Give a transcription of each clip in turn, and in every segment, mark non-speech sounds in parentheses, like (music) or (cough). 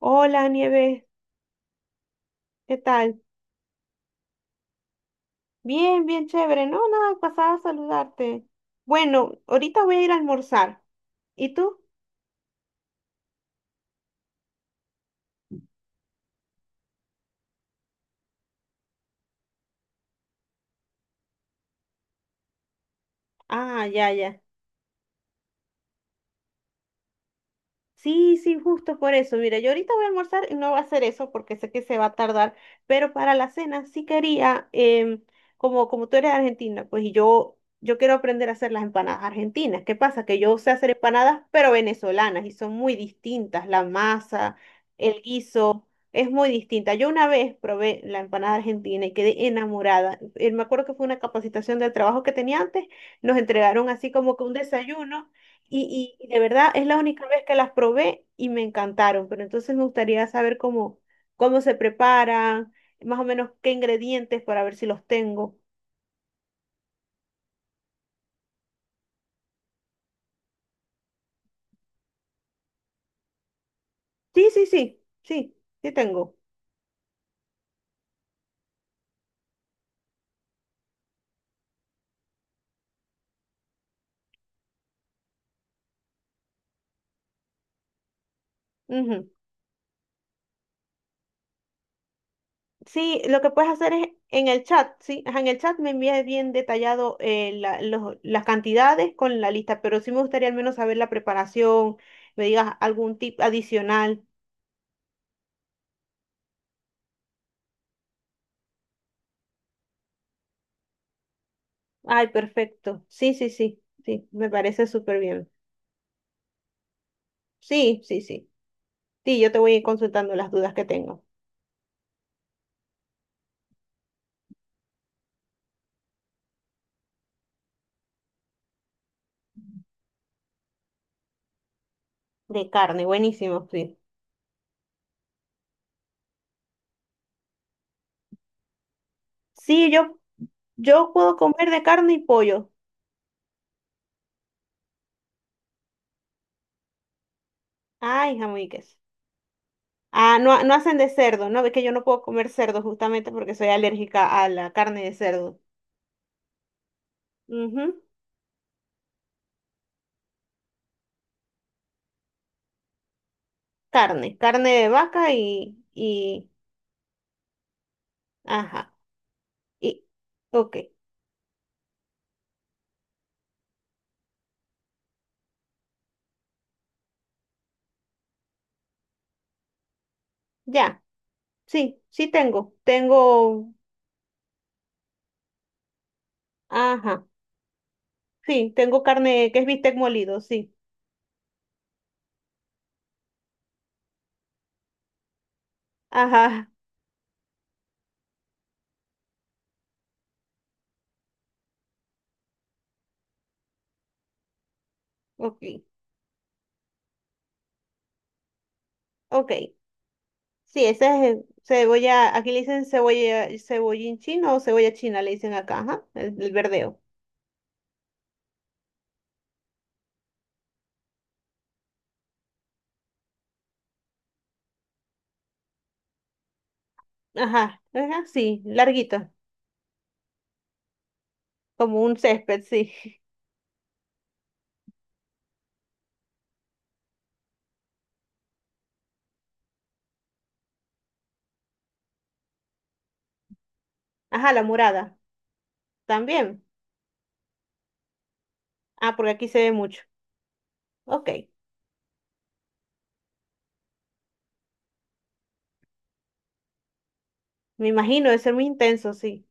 Hola, Nieves, ¿qué tal? Bien, bien chévere. No, nada, pasaba a saludarte. Bueno, ahorita voy a ir a almorzar. ¿Y tú? Ah, ya, ya. Sí, sí, justo por eso. Mira, yo ahorita voy a almorzar y no voy a hacer eso porque sé que se va a tardar, pero para la cena sí quería, como, como tú eres argentina, pues y yo quiero aprender a hacer las empanadas argentinas. ¿Qué pasa? Que yo sé hacer empanadas, pero venezolanas y son muy distintas. La masa, el guiso, es muy distinta. Yo una vez probé la empanada argentina y quedé enamorada. Me acuerdo que fue una capacitación del trabajo que tenía antes, nos entregaron así como que un desayuno. Y de verdad es la única vez que las probé y me encantaron, pero entonces me gustaría saber cómo, cómo se preparan, más o menos qué ingredientes para ver si los tengo. Sí, sí, sí, sí, sí tengo. Ujú. Sí, lo que puedes hacer es en el chat, sí, ajá, en el chat me envías bien detallado las cantidades con la lista, pero sí me gustaría al menos saber la preparación, me digas algún tip adicional. Ay, perfecto. Sí, sí, sí, sí, me parece súper bien. Sí, sí, sí. Sí, yo te voy a ir consultando las dudas que tengo. De carne, buenísimo, sí. Sí, yo puedo comer de carne y pollo. Ay, jamón y queso. Ah, no, no hacen de cerdo, ¿no? Ves que yo no puedo comer cerdo justamente porque soy alérgica a la carne de cerdo. Ujú. Carne, carne de vaca y, ajá. Y, ok, ya, sí, sí tengo. Tengo, ajá, sí, tengo carne que es bistec molido, sí. Ajá, ok, ok. Sí, esa es cebolla, aquí le dicen cebolla, cebollín chino o cebolla china, le dicen acá, ajá, el verdeo. Ajá, ajá, sí, larguito, como un césped, sí. (laughs) Ajá, la morada, también. Ah, porque aquí se ve mucho. Ok, me imagino, debe ser muy intenso, sí.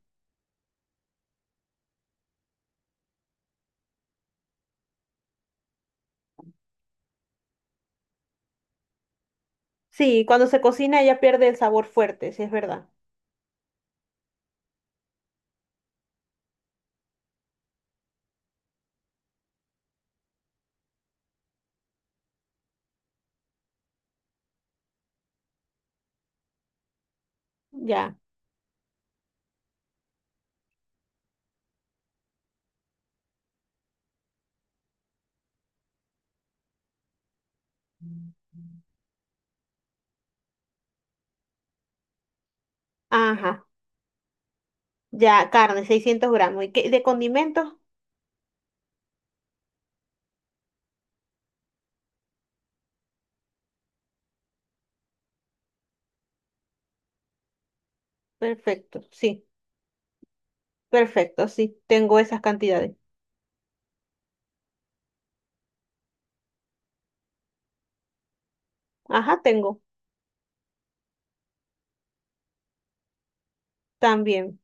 Sí, cuando se cocina ella pierde el sabor fuerte, sí, es verdad. Ya, ajá, ya, carne, 600 gramos. ¿Y qué- de condimentos? Perfecto, sí, perfecto, sí, tengo esas cantidades. Ajá, tengo, también.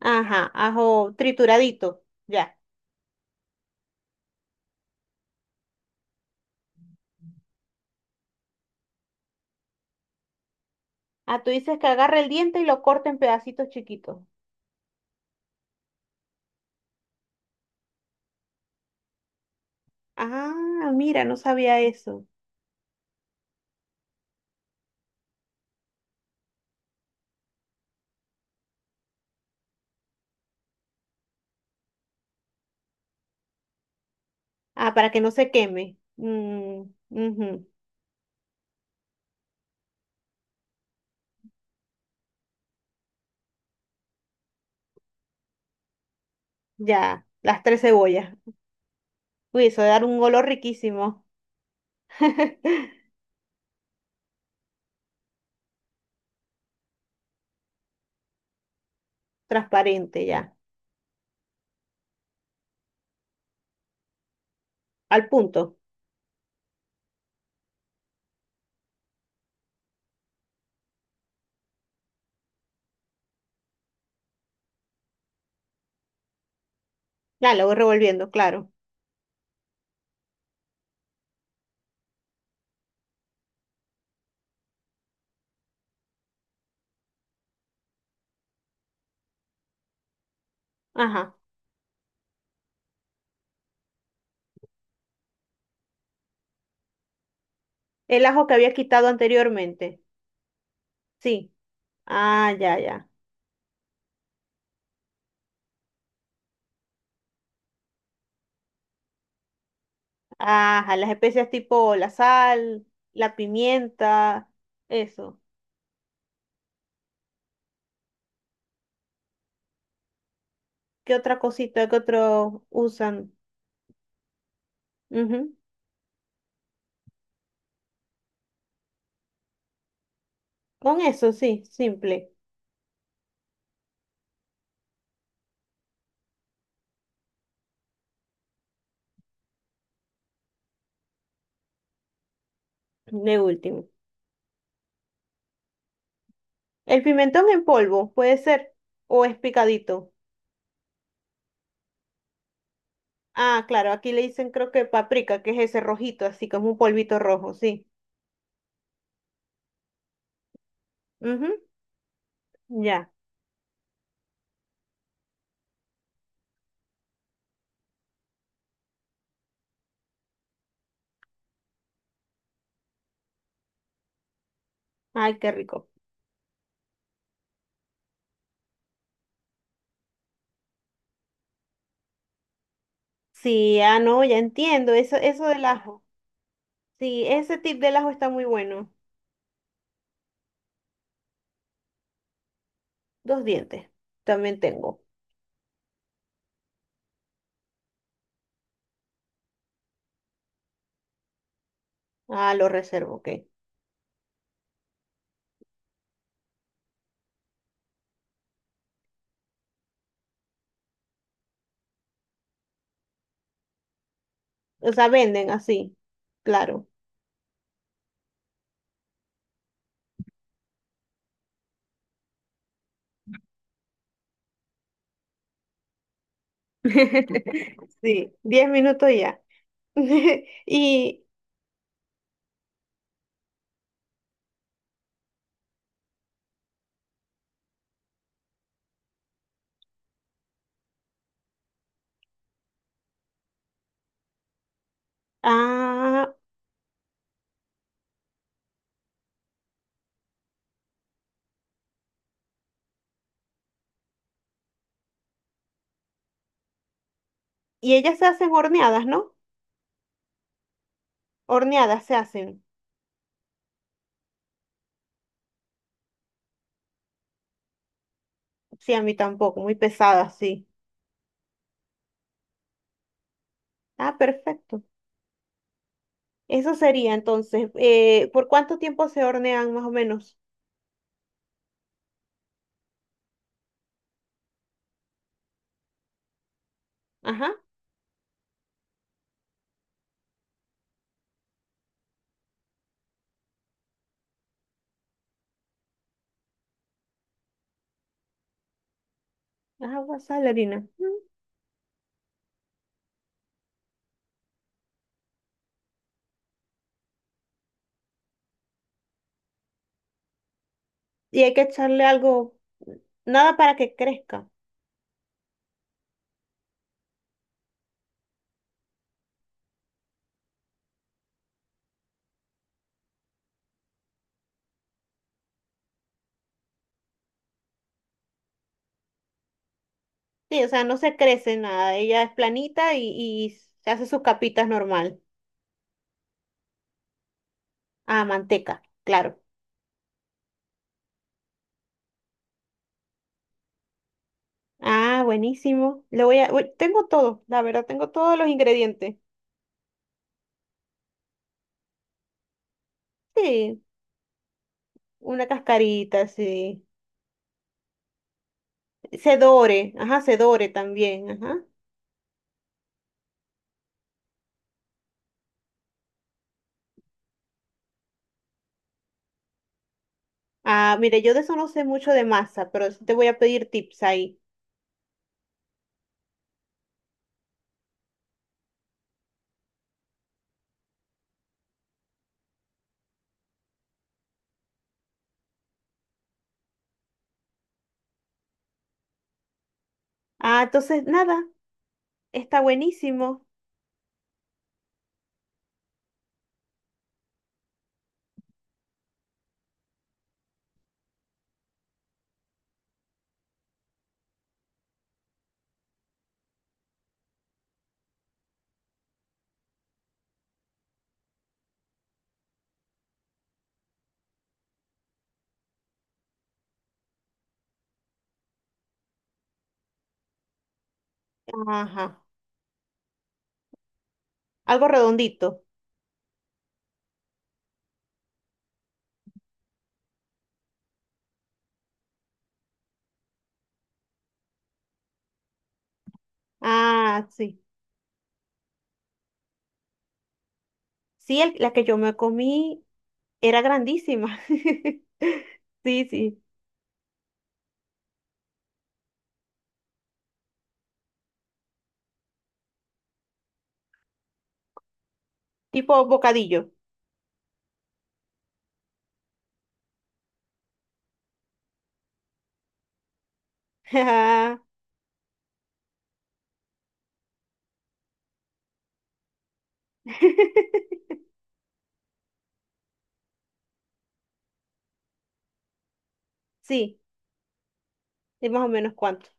Ajá, ajo trituradito, ya. Ah, tú dices que agarre el diente y lo corte en pedacitos chiquitos. Ah, mira, no sabía eso. Ah, para que no se queme. Mm, ujú, ya, las tres cebollas. Uy, eso debe dar un olor riquísimo. (laughs) Transparente, ya. Al punto. Ya, lo voy revolviendo, claro. Ajá. El ajo que había quitado anteriormente. Sí. Ah, ya, ya. Ajá, las especias tipo la sal, la pimienta, eso. ¿Qué otra cosita que otros usan? Ujú. Con eso, sí, simple, de último. El pimentón en polvo, puede ser, o es picadito. Ah, claro, aquí le dicen creo que paprika, que es ese rojito, así como un polvito rojo, sí. Ujú, ya, ay, qué rico. Sí, ah, no, ya entiendo, eso del ajo. Sí, ese tip del ajo está muy bueno. Dos dientes, también tengo. Ah, lo reservo, ok. O sea, venden así, claro. (laughs) Sí, 10 minutos ya. (laughs) Y, ah, y ellas se hacen horneadas, ¿no? Horneadas se hacen. Sí, a mí tampoco, muy pesadas, sí. Ah, perfecto. Eso sería entonces. ¿Por cuánto tiempo se hornean más o menos? Ajá, agua, sal, harina. Mm. Y hay que echarle algo, nada para que crezca. Sí, o sea, no se crece nada. Ella es planita y se hace sus capitas normal. Ah, manteca, claro. Ah, buenísimo. Le voy a, uy, tengo todo, la verdad, tengo todos los ingredientes. Sí, una cascarita, sí. Sedore, ajá, sedore también, ajá. Ah, mire, yo de eso no sé mucho de masa, pero sí te voy a pedir tips ahí. Ah, entonces, nada, está buenísimo. Ajá, algo redondito. Ah, sí. Sí, el- la que yo me comí era grandísima. (laughs) Sí, sí, tipo bocadillo. (laughs) Sí, sí, más o menos cuánto.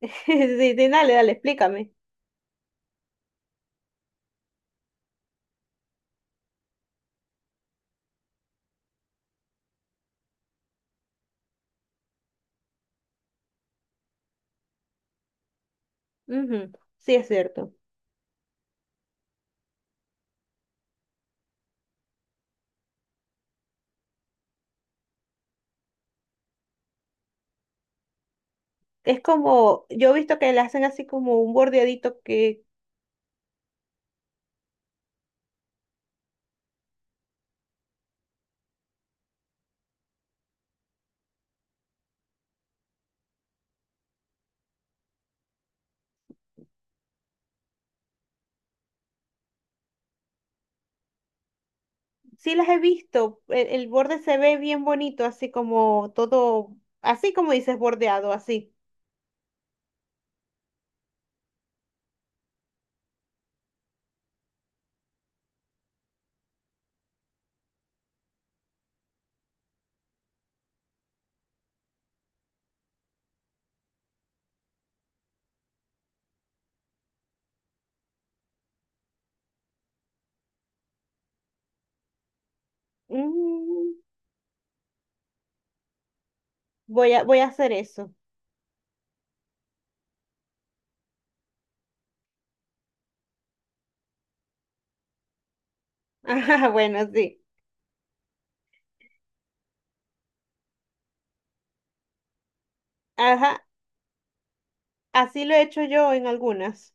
(laughs) Sí, sí, dale, dale, explícame. Ujú, sí, es cierto. Es como, yo he visto que le hacen así como un bordeadito que sí las he visto, el borde se ve bien bonito, así como todo, así como dices, bordeado, así. Mm, voy a hacer eso. (laughs) Ajá, bueno, sí. Ajá, así lo he hecho yo en algunas.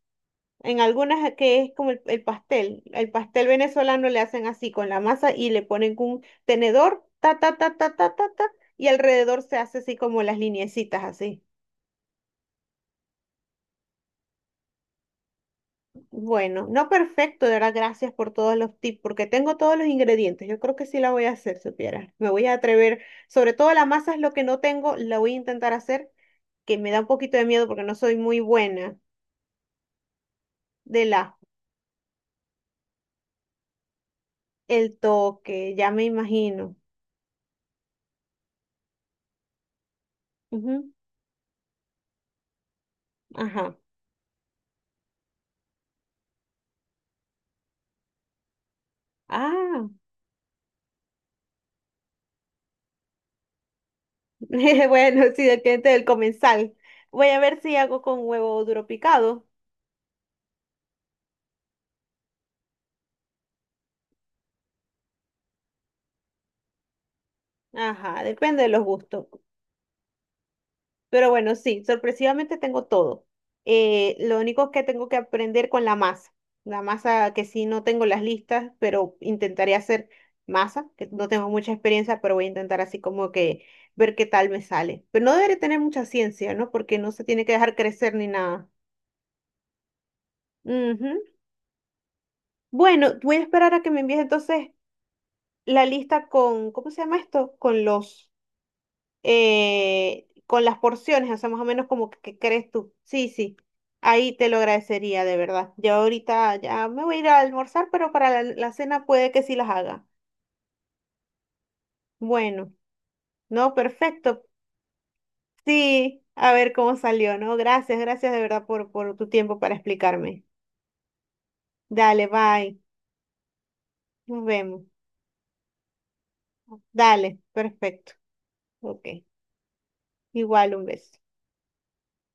En algunas que es como el pastel. El pastel venezolano le hacen así con la masa y le ponen un tenedor, ta, ta, ta, ta, ta, ta, ta, y alrededor se hace así como las lineecitas así. Bueno, no perfecto, de verdad, gracias por todos los tips, porque tengo todos los ingredientes. Yo creo que sí la voy a hacer, supiera. Me voy a atrever. Sobre todo la masa es lo que no tengo, la voy a intentar hacer, que me da un poquito de miedo porque no soy muy buena del ajo. El toque, ya me imagino. Ujú, ajá. Ah, (laughs) bueno, sí, del cliente del comensal. Voy a ver si hago con huevo duro picado. Ajá, depende de los gustos. Pero bueno, sí, sorpresivamente tengo todo. Lo único es que tengo que aprender con la masa. La masa que sí no tengo las listas, pero intentaré hacer masa, que no tengo mucha experiencia, pero voy a intentar así como que ver qué tal me sale. Pero no deberé tener mucha ciencia, ¿no? Porque no se tiene que dejar crecer ni nada. Ujú. Bueno, voy a esperar a que me envíes entonces la lista con, ¿cómo se llama esto? Con los... con las porciones, o sea, más o menos como que crees tú. Sí, sí, ahí te lo agradecería de verdad. Yo ahorita ya me voy a ir a almorzar, pero para la, la cena puede que sí las haga. Bueno, no, perfecto. Sí, a ver cómo salió, ¿no? Gracias, gracias de verdad por tu tiempo para explicarme. Dale, bye. Nos vemos. Dale, perfecto. Ok. Igual un beso.